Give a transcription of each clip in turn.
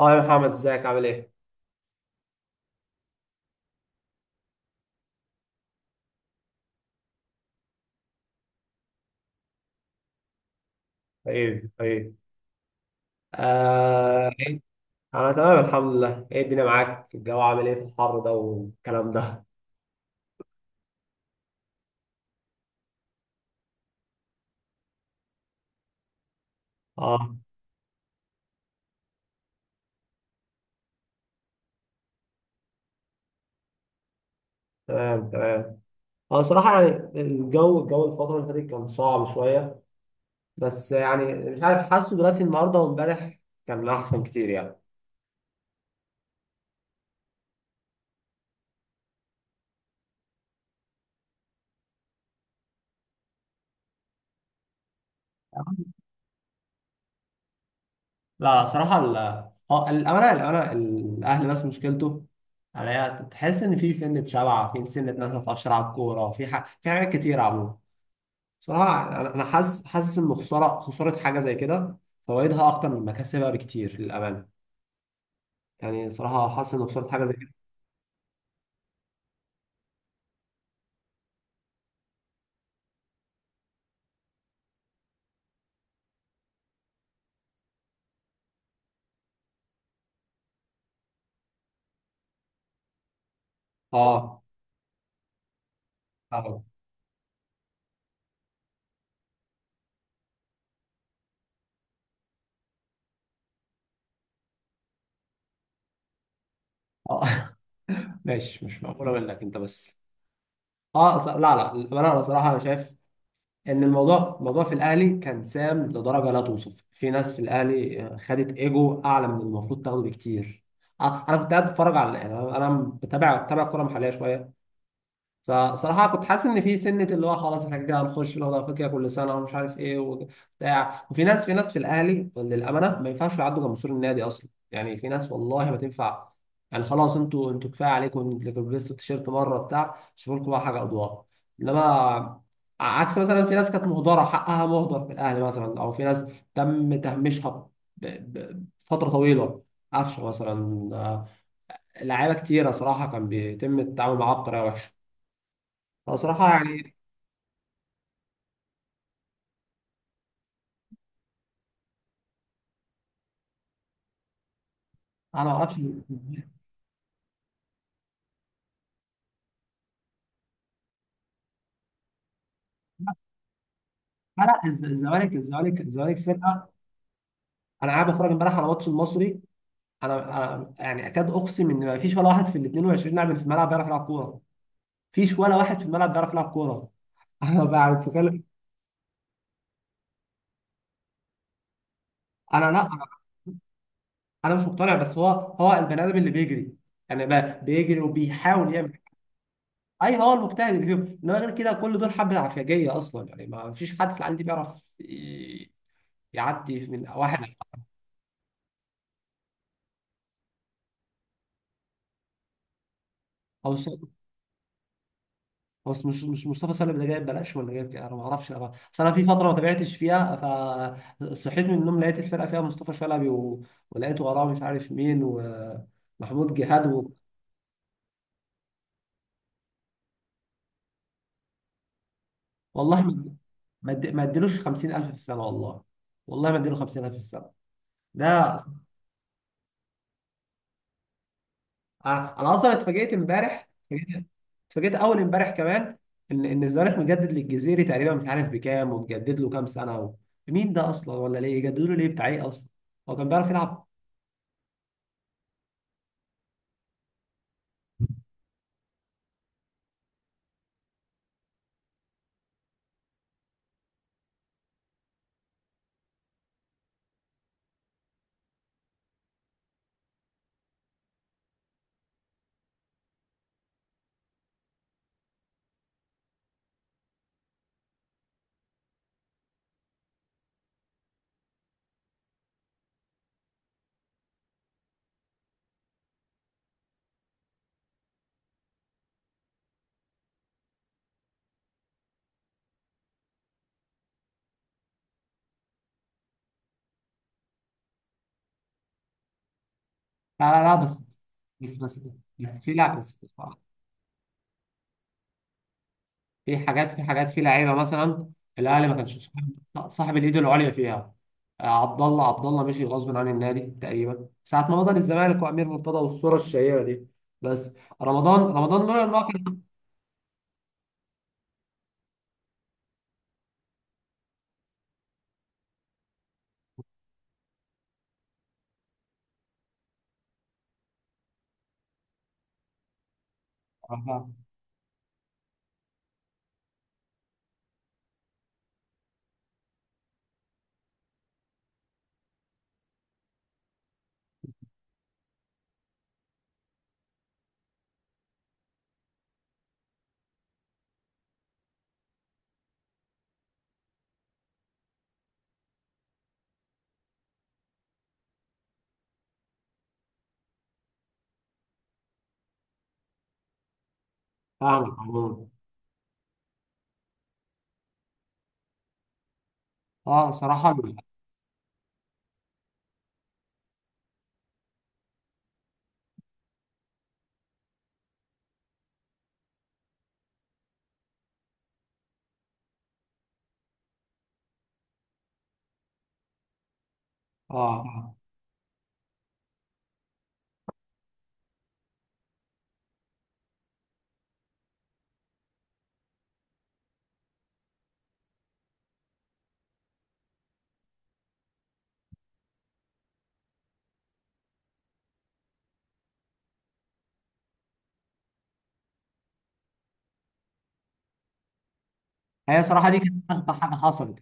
اه يا محمد ازيك عامل ايه؟ طيب طيب. آه إيه؟ انا تمام الحمد لله. ايه الدنيا معاك؟ الجو عامل ايه في الحر ده والكلام ده؟ اه. تمام تمام. اه صراحة، يعني الجو، الفترة اللي فاتت كان صعب شوية. بس يعني مش عارف، حاسه دلوقتي النهاردة وامبارح كان احسن كتير يعني. لا صراحة ال اه الأمانة، الأهل بس مشكلته عليها، تحس إن في سنة شبع، في سنة ناس ما بتعرفش تلعب كورة، في حاجات كتير عموما. صراحة أنا حاسس، حاسس إن خسارة، خسارة حاجة زي كده فوائدها أكتر من مكاسبها بكتير للأمانة. يعني صراحة حاسس إن خسارة حاجة زي كده. آه. آه. آه. ماشي، مش مقبولة منك أنت بس. لا لا، للأمانة أنا صراحة أنا شايف إن الموضوع في الأهلي كان سام لدرجة لا توصف. في ناس في الأهلي آه، خدت إيجو أعلى من المفروض تاخده بكتير. آه أنا كنت قاعد بتفرج على، يعني أنا بتابع الكورة المحلية شوية. فصراحة كنت حاسس إن في سنة اللي هو خلاص إحنا كده هنخش الأوضة، أفريقيا كل سنة ومش عارف إيه وبتاع. وفي ناس، في الأهلي للأمانة ما ينفعش يعدوا جمهور النادي أصلا، يعني في ناس والله ما تنفع. يعني خلاص أنتوا كفاية عليكم، أنتوا لبستوا التيشيرت مرة بتاع، شوفوا لكم بقى حاجة أضواء. إنما عكس مثلا في ناس كانت مهدرة، حقها مهدر في الأهلي، مثلا. أو في ناس تم تهميشها ب- بفترة طويلة، قفشة مثلا آه، لعيبة كتيرة صراحة كان بيتم التعامل معاها بطريقة وحشة. لا صراحة يعني. أنا ما أعرفش، لا. الزمالك فرقة. أنا قاعد بتفرج امبارح على ماتش المصري. أنا أنا يعني أكاد أقسم إن ما فيش ولا واحد في ال 22 لاعب اللي في الملعب بيعرف يلعب كورة. مفيش ولا واحد في الملعب بيعرف يلعب كورة. أنا بقى بتكلم. أنا، أنا مش مقتنع، بس هو، البني آدم اللي بيجري، يعني بقى بيجري وبيحاول يعمل. أي، هو المجتهد اللي فيهم. إنما غير كده كل دول حبة عفياجية أصلا. يعني ما فيش حد في العالم دي بيعرف يعدي من واحد. أو، بس مش مصطفى سالم ده جايب بلاش، ولا جايب كده انا ما اعرفش. اصل انا في فتره ما تابعتش فيها. فصحيت من النوم لقيت الفرقه فيها مصطفى شلبي و... ولقيت وراه مش عارف مين، ومحمود جهاد و... والله ما اديلوش 50,000 في السنه والله. والله ما اديله 50,000 في السنه. ده أص- أنا اصلا اتفاجئت امبارح، اتفاجئت. اتفاجئت اول امبارح كمان ان الزمالك مجدد للجزيري تقريبا، مش عارف بكام، ومجدد له كام سنه و... مين ده اصلا؟ ولا ليه يجددوا له؟ ليه بتاع ايه اصلا؟ هو كان بيعرف يلعب؟ لا لا لا بس بس بس بس في لا بس في حاجات، في لعيبه مثلا الاهلي ما كانش صاحب الايد العليا فيها. آه، عبد الله مشي غصب عن النادي، تقريبا ساعه ما بطل الزمالك، وامير مرتضى، والصوره الشهيره دي. بس رمضان لولا ان هو كان. فاهمك عموما. اه صراحه. اه. هي صراحه دي كانت اغبى حاجه حصلت.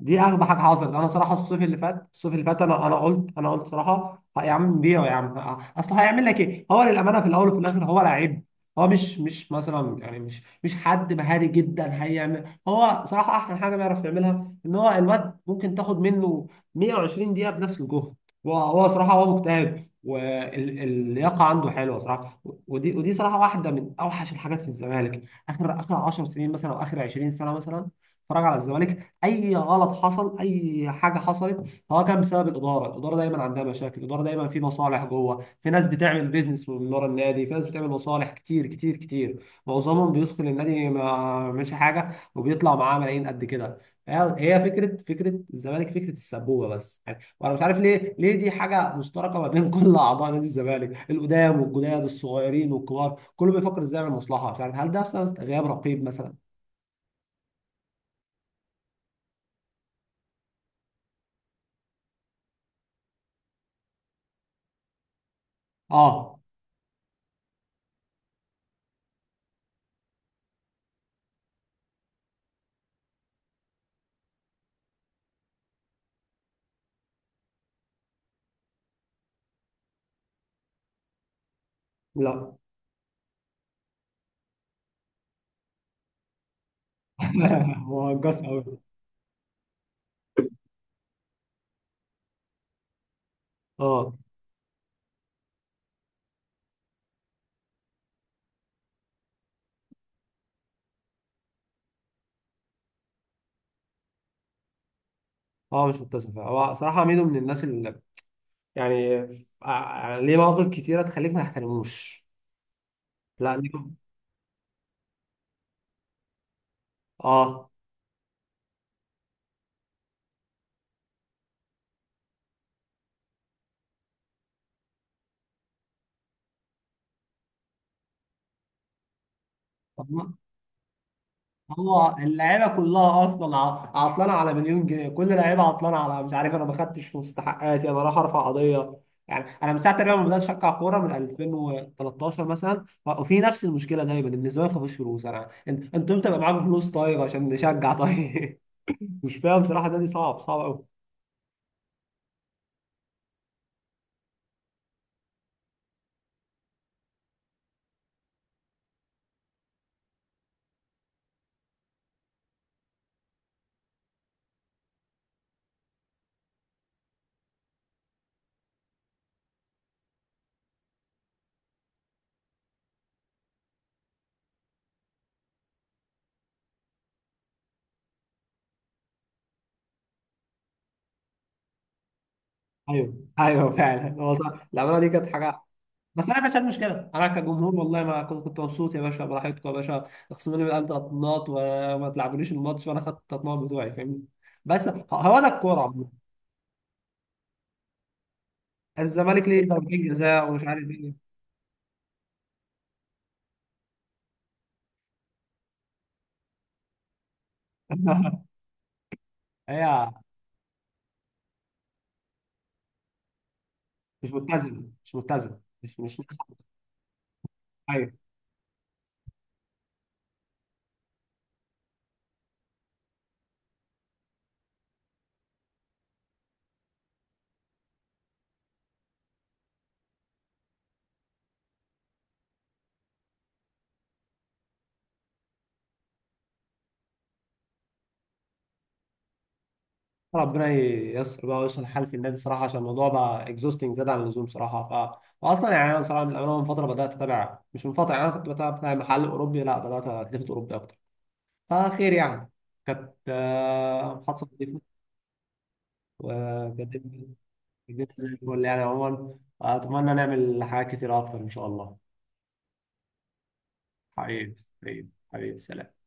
دي اغبى حاجه حصلت. انا صراحه الصيف اللي فات، انا قلت صراحه: "ها يا عم بيعه يا عم، اصل هيعمل لك ايه؟ هو للامانه في الاول وفي الاخر هو لعيب، هو مش مش مثلا يعني مش مش حد مهاري جدا هيعمل. هو صراحه احسن حاجه بيعرف يعملها ان هو الواد ممكن تاخد منه 120 دقيقه بنفس الجهد. هو مجتهد، واللياقه عنده حلوه صراحه. ودي صراحه واحده من اوحش الحاجات في الزمالك. اخر 10 سنين مثلا، او اخر 20 سنه مثلا، اتفرج على الزمالك. اي غلط حصل، اي حاجه حصلت، فهو كان بسبب الاداره. الاداره دايما عندها مشاكل، الاداره دايما في مصالح جوه، في ناس بتعمل بيزنس من ورا النادي، في ناس بتعمل مصالح كتير كتير كتير، معظمهم بيدخل النادي ما مش حاجه وبيطلع معاه ملايين قد كده. هي هي فكره فكره الزمالك فكره السبوبه بس يعني. وانا مش عارف ليه، دي حاجه مشتركه ما بين كل اعضاء نادي الزمالك، القدام والجداد، الصغيرين والكبار، كله بيفكر ازاي يعمل مصلحه. مش عارف، هل ده بسبب غياب رقيب مثلا؟ اه. لا. هو هجاص قوي. اه. اه مش متسف. هو صراحه ميدو من الناس اللي يعني ليه مواقف كتيره تخليك ما تحترموش. لا ميدو. اه طب. هو اللعيبه كلها اصلا عطلانه على مليون جنيه، كل لعيبه عطلانه على، مش عارف، انا ما خدتش مستحقاتي، انا رايح ارفع قضيه. يعني انا من ساعه تقريبا ما بدات اشجع كوره من 2013 مثلا، وفي نفس المشكله دايما، ان الزمالك ما فيهوش فلوس. انا انت، انت امتى بقى معاكم فلوس طيب عشان نشجع طيب؟ مش فاهم صراحه. النادي صعب، صعب. ايوه ايوه، فعلا هو صح، العماله دي كانت حاجه. بس انا ما كانتش عندي مشكله انا كجمهور، والله ما كنت، كنت مبسوط يا باشا، براحتكم يا باشا، اخصموا لي من القلب ثلاث نقط وما تلعبونيش الماتش، وانا خدت الثلاث نقط بتوعي فاهمني. بس هو ده الكوره عموما. الزمالك ليه ضربتين جزاء ومش عارف ايه. هي مش متزنه، مش متزنه مش مش نفس- ايوه. ربنا ييسر بقى ويصلح الحال في النادي صراحه، عشان الموضوع بقى اكزوستنج، زاد عن اللزوم صراحه. ف واصلا يعني انا صراحه من الأول، من فتره بدات اتابع، مش من فتره يعني انا كنت بتابع بتاع محل اوروبي، لا بدات اتلفت اوروبي اكتر. فخير يعني. كانت آه، محادثه لطيفه، وكانت الدنيا زي الفل يعني عموما. اتمنى نعمل حاجات كتير اكتر ان شاء الله. حبيبي. حبيبي سلام.